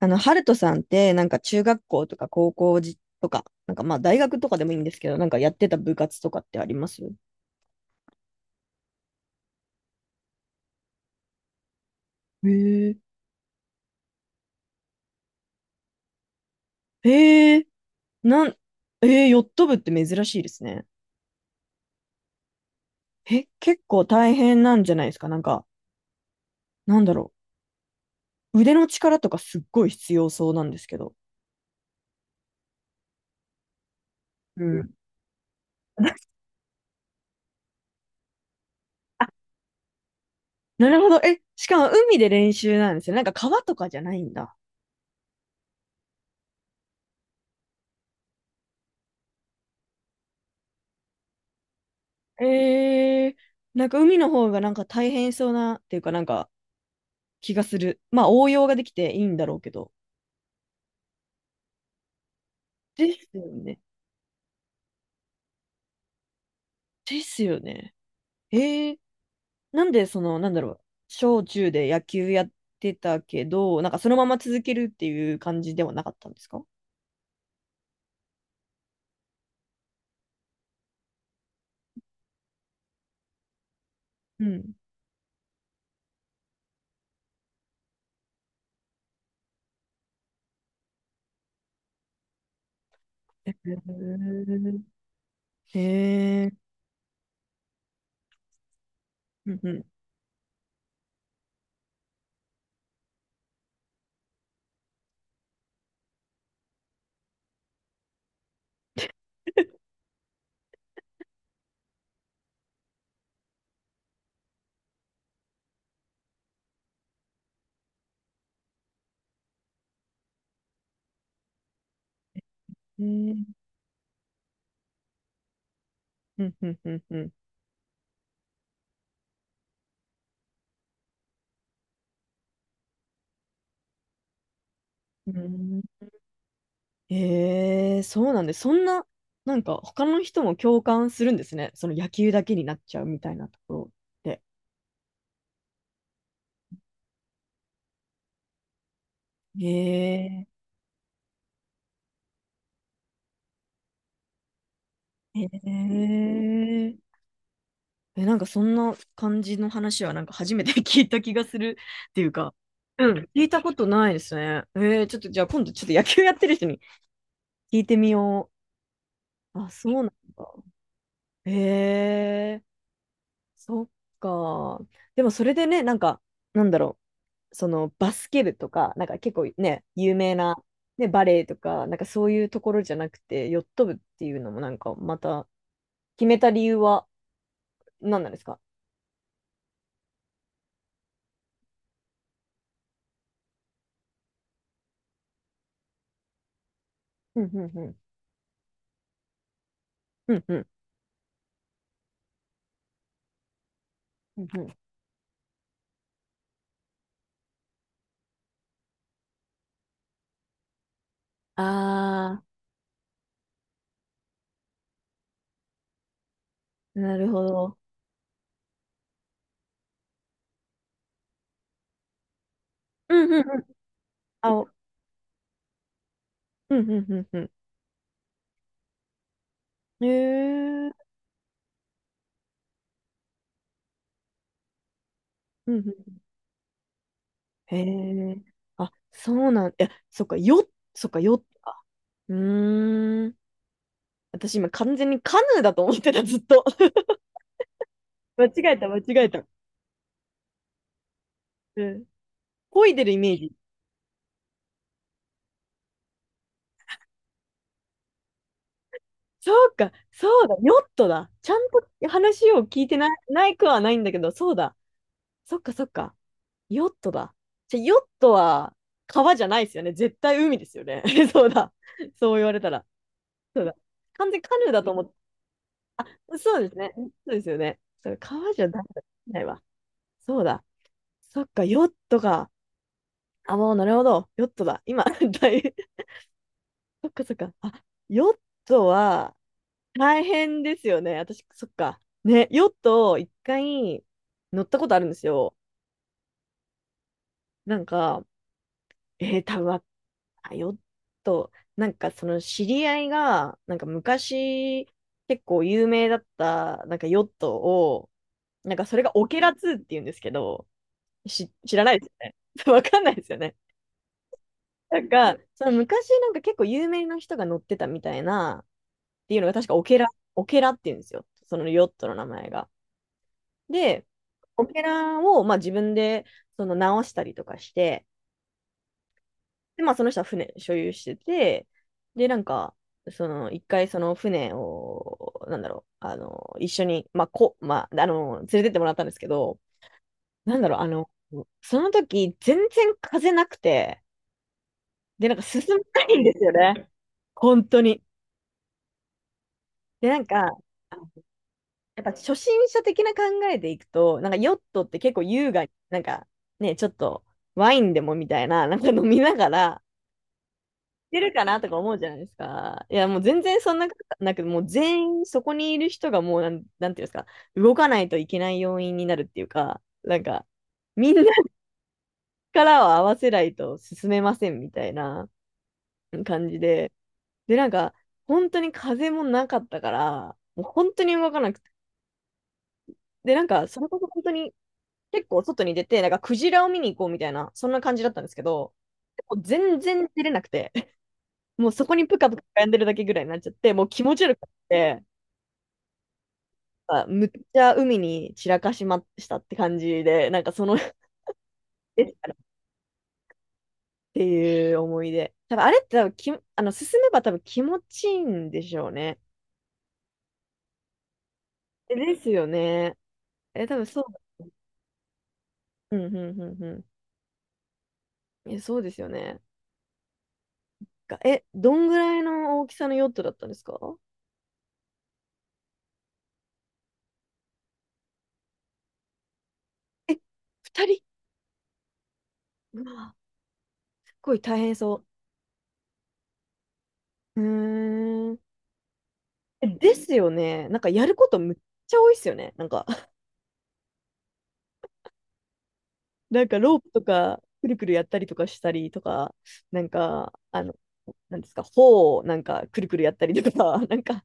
ハルトさんって、なんか中学校とか高校じとか、なんかまあ大学とかでもいいんですけど、なんかやってた部活とかってあります？へえへえなん、ヨット部って珍しいですね。え、結構大変なんじゃないですかなんか、なんだろう。腕の力とかすっごい必要そうなんですけど。うん。なるほど。え、しかも海で練習なんですよね。なんか川とかじゃないんだ。ええ、なんか海の方がなんか大変そうなっていうかなんか気がする。まあ応用ができていいんだろうけど。ですよね。ですよね。えー、なんでその、なんだろう、小中で野球やってたけど、なんかそのまま続けるっていう感じではなかったんですか？うん。へえー。えーうんうん。へーうんうんうんうん。うんへえー、そうなんで、そんな、なんか他の人も共感するんですね。その野球だけになっちゃうみたいなところって。へえー。へえー。え、なんかそんな感じの話はなんか初めて 聞いた気がするっていうか、うん。聞いたことないですね。ちょっとじゃあ今度ちょっと野球やってる人に聞いてみよう。あ、そうなんだ。えー、そっか。でもそれでね、なんか、なんだろう、そのバスケ部とか、なんか結構ね、有名な、ね、バレエとか、なんかそういうところじゃなくて、ヨット部っていうのもなんかまた決めた理由は何なんですか？うんうんうん。うんうん。うんうん。あーなるほど。うんうんうん。あ、おうんうんうんうん。へえ、うんうん。へえ。あ、そうなん、いや、そっか、よ、そっか、よ、うーん。私今完全にカヌーだと思ってた、ずっと。間違えた、間違えた。うん。漕いでるイメージ。そうか、そうだ、ヨットだ。ちゃんと話を聞いてない、ないくはないんだけど、そうだ。そっか、そっか。ヨットだ。じゃ、ヨットは川じゃないですよね。絶対海ですよね。そうだ。そう言われたら。そうだ。完全カヌーだと思って、あ、そうですね。そうですよね。そう、川じゃダメだ。ないわ。そうだ。そっか、ヨットか。あ、もうなるほど。ヨットだ。今、大変。そっかそっか。あ、ヨットは大変ですよね。私、そっか。ね、ヨットを一回乗ったことあるんですよ。なんか、多分、あヨット、なんかその知り合いが、なんか昔、結構有名だった、なんかヨットを、なんかそれがオケラ2って言うんですけど、知らないですよね。わかんないですよね。なんか、その昔なんか結構有名な人が乗ってたみたいな、っていうのが確かオケラ、オケラって言うんですよ。そのヨットの名前が。で、オケラをまあ自分でその直したりとかして、で、まあその人は船所有してて、で、なんか、その一回その船を、なんだろう、一緒に、まあ、こ、まあ、連れてってもらったんですけど、なんだろう、その時、全然風なくて、で、なんか進まないんですよね。本当に。で、なんか、やっぱ初心者的な考えでいくと、なんかヨットって結構優雅に、なんかね、ちょっとワインでもみたいな、なんか飲みながら、出るかなとか思うじゃないですか。いや、もう全然そんなことなく、もう全員そこにいる人がもうなん、なんていうんですか、動かないといけない要因になるっていうか、なんか、みんな力を合わせないと進めませんみたいな感じで、で、なんか、本当に風もなかったから、もう本当に動かなくて。で、なんか、それこそ本当に結構外に出て、なんかクジラを見に行こうみたいな、そんな感じだったんですけど、もう全然出れなくて、もうそこにぷかぷか浮んでるだけぐらいになっちゃって、もう気持ち悪くて、あむっちゃ海に散らかしましたって感じで、なんかその っていう思い出。多分あれって多分き、あの、進めば多分気持ちいいんでしょうね。えですよね。え、多分そう。うん、うん、うん、うん。え、そうですよね。がえ、どんぐらいの大きさのヨットだったんですか？え二人うわ、すっごい大変そう。うーん。えですよね。なんかやることむっちゃ多いっすよね。なんか、なんかロープとか、くるくるやったりとかしたりとか、なんか、なんですか、帆をなんかくるくるやったりとか、なんか、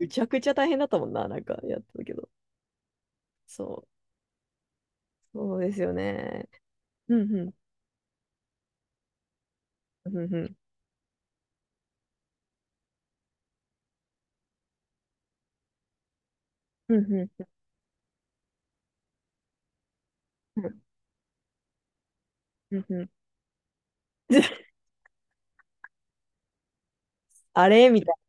むちゃくちゃ大変だったもんな、なんかやってたけど。そう、そうですよね。うんうん、うんうん、うんうん、うんうん。うん あれみたいな、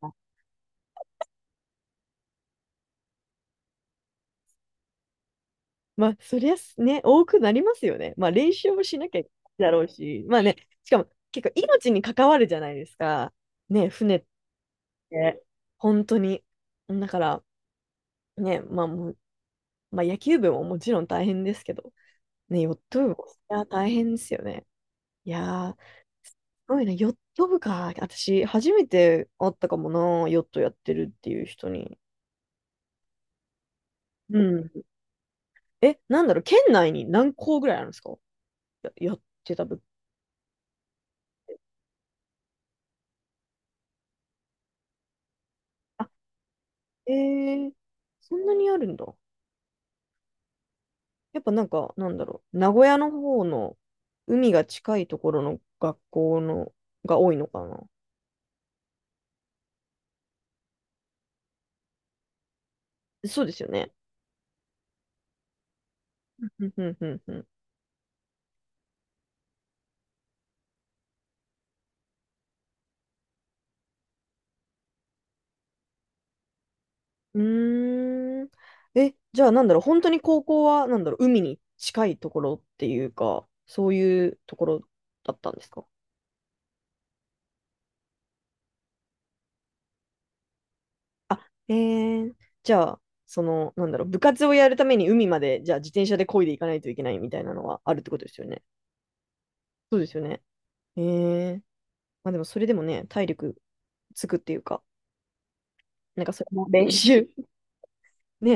まあ、そりゃすね、多くなりますよね。まあ、練習もしなきゃいけないだろうし、まあね、しかも結構命に関わるじゃないですか。ね、船って、本当に。だから、ね、まあもう、まあ、野球部ももちろん大変ですけど、ね、ヨット部もそりゃ大変ですよね。いやー、すごいね、ヨット部か。私、初めて会ったかもな、ヨットやってるっていう人に。うん。え、なんだろう、県内に何校ぐらいあるんですか？やってた部。えー、そんなにあるんだ。やっぱなんか、なんだろう、名古屋の方の海が近いところの学校のが多いのかな。そうですよね。ふんふんふんふん。うーん。え、じゃあなんだろう、本当に高校は、なんだろう、海に近いところっていうか、そういうところだったんですか？あ、じゃあ、その、なんだろう、部活をやるために海まで、じゃあ自転車で漕いでいかないといけないみたいなのはあるってことですよね。そうですよね。えー。まあでもそれでもね、体力つくっていうか、なんかそれも練習。ね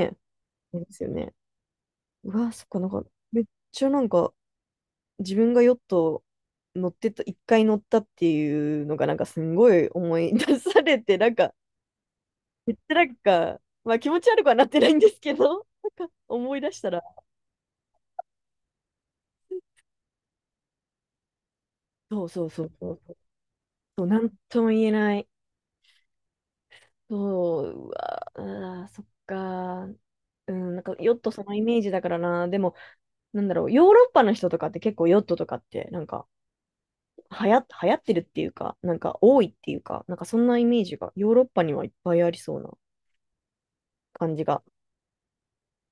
え、ですよね。うわ、そっか、なんか、めっちゃなんか、自分がヨット乗ってた、一回乗ったっていうのが、なんかすんごい思い出されて、なんか、めっちゃなんか、まあ気持ち悪くはなってないんですけど、なんか思い出したら、そうそうそうそうそう、なんとも言えない。そう、うわ、あー、そっか。うん、なんかヨットそのイメージだからな。でも、なんだろう、ヨーロッパの人とかって結構ヨットとかってなんか流行ってるっていうか、なんか多いっていうか、なんかそんなイメージがヨーロッパにはいっぱいありそうな感じが、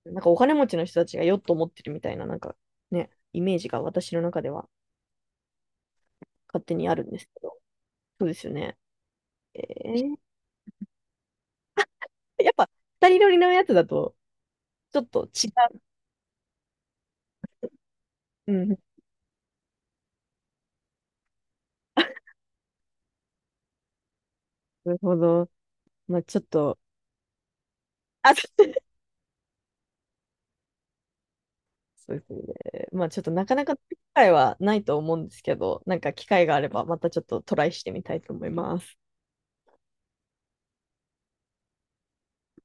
なんかお金持ちの人たちがヨット持ってるみたいな、なんかね、イメージが私の中では勝手にあるんですけど、そうですよね。えー、やっぱ二人乗りのやつだとちょっと違う。うん、なるほど。まあちょっと、あ、そうそうですね。まあちょっとなかなか機会はないと思うんですけど、なんか機会があればまたちょっとトライしてみたいと思います。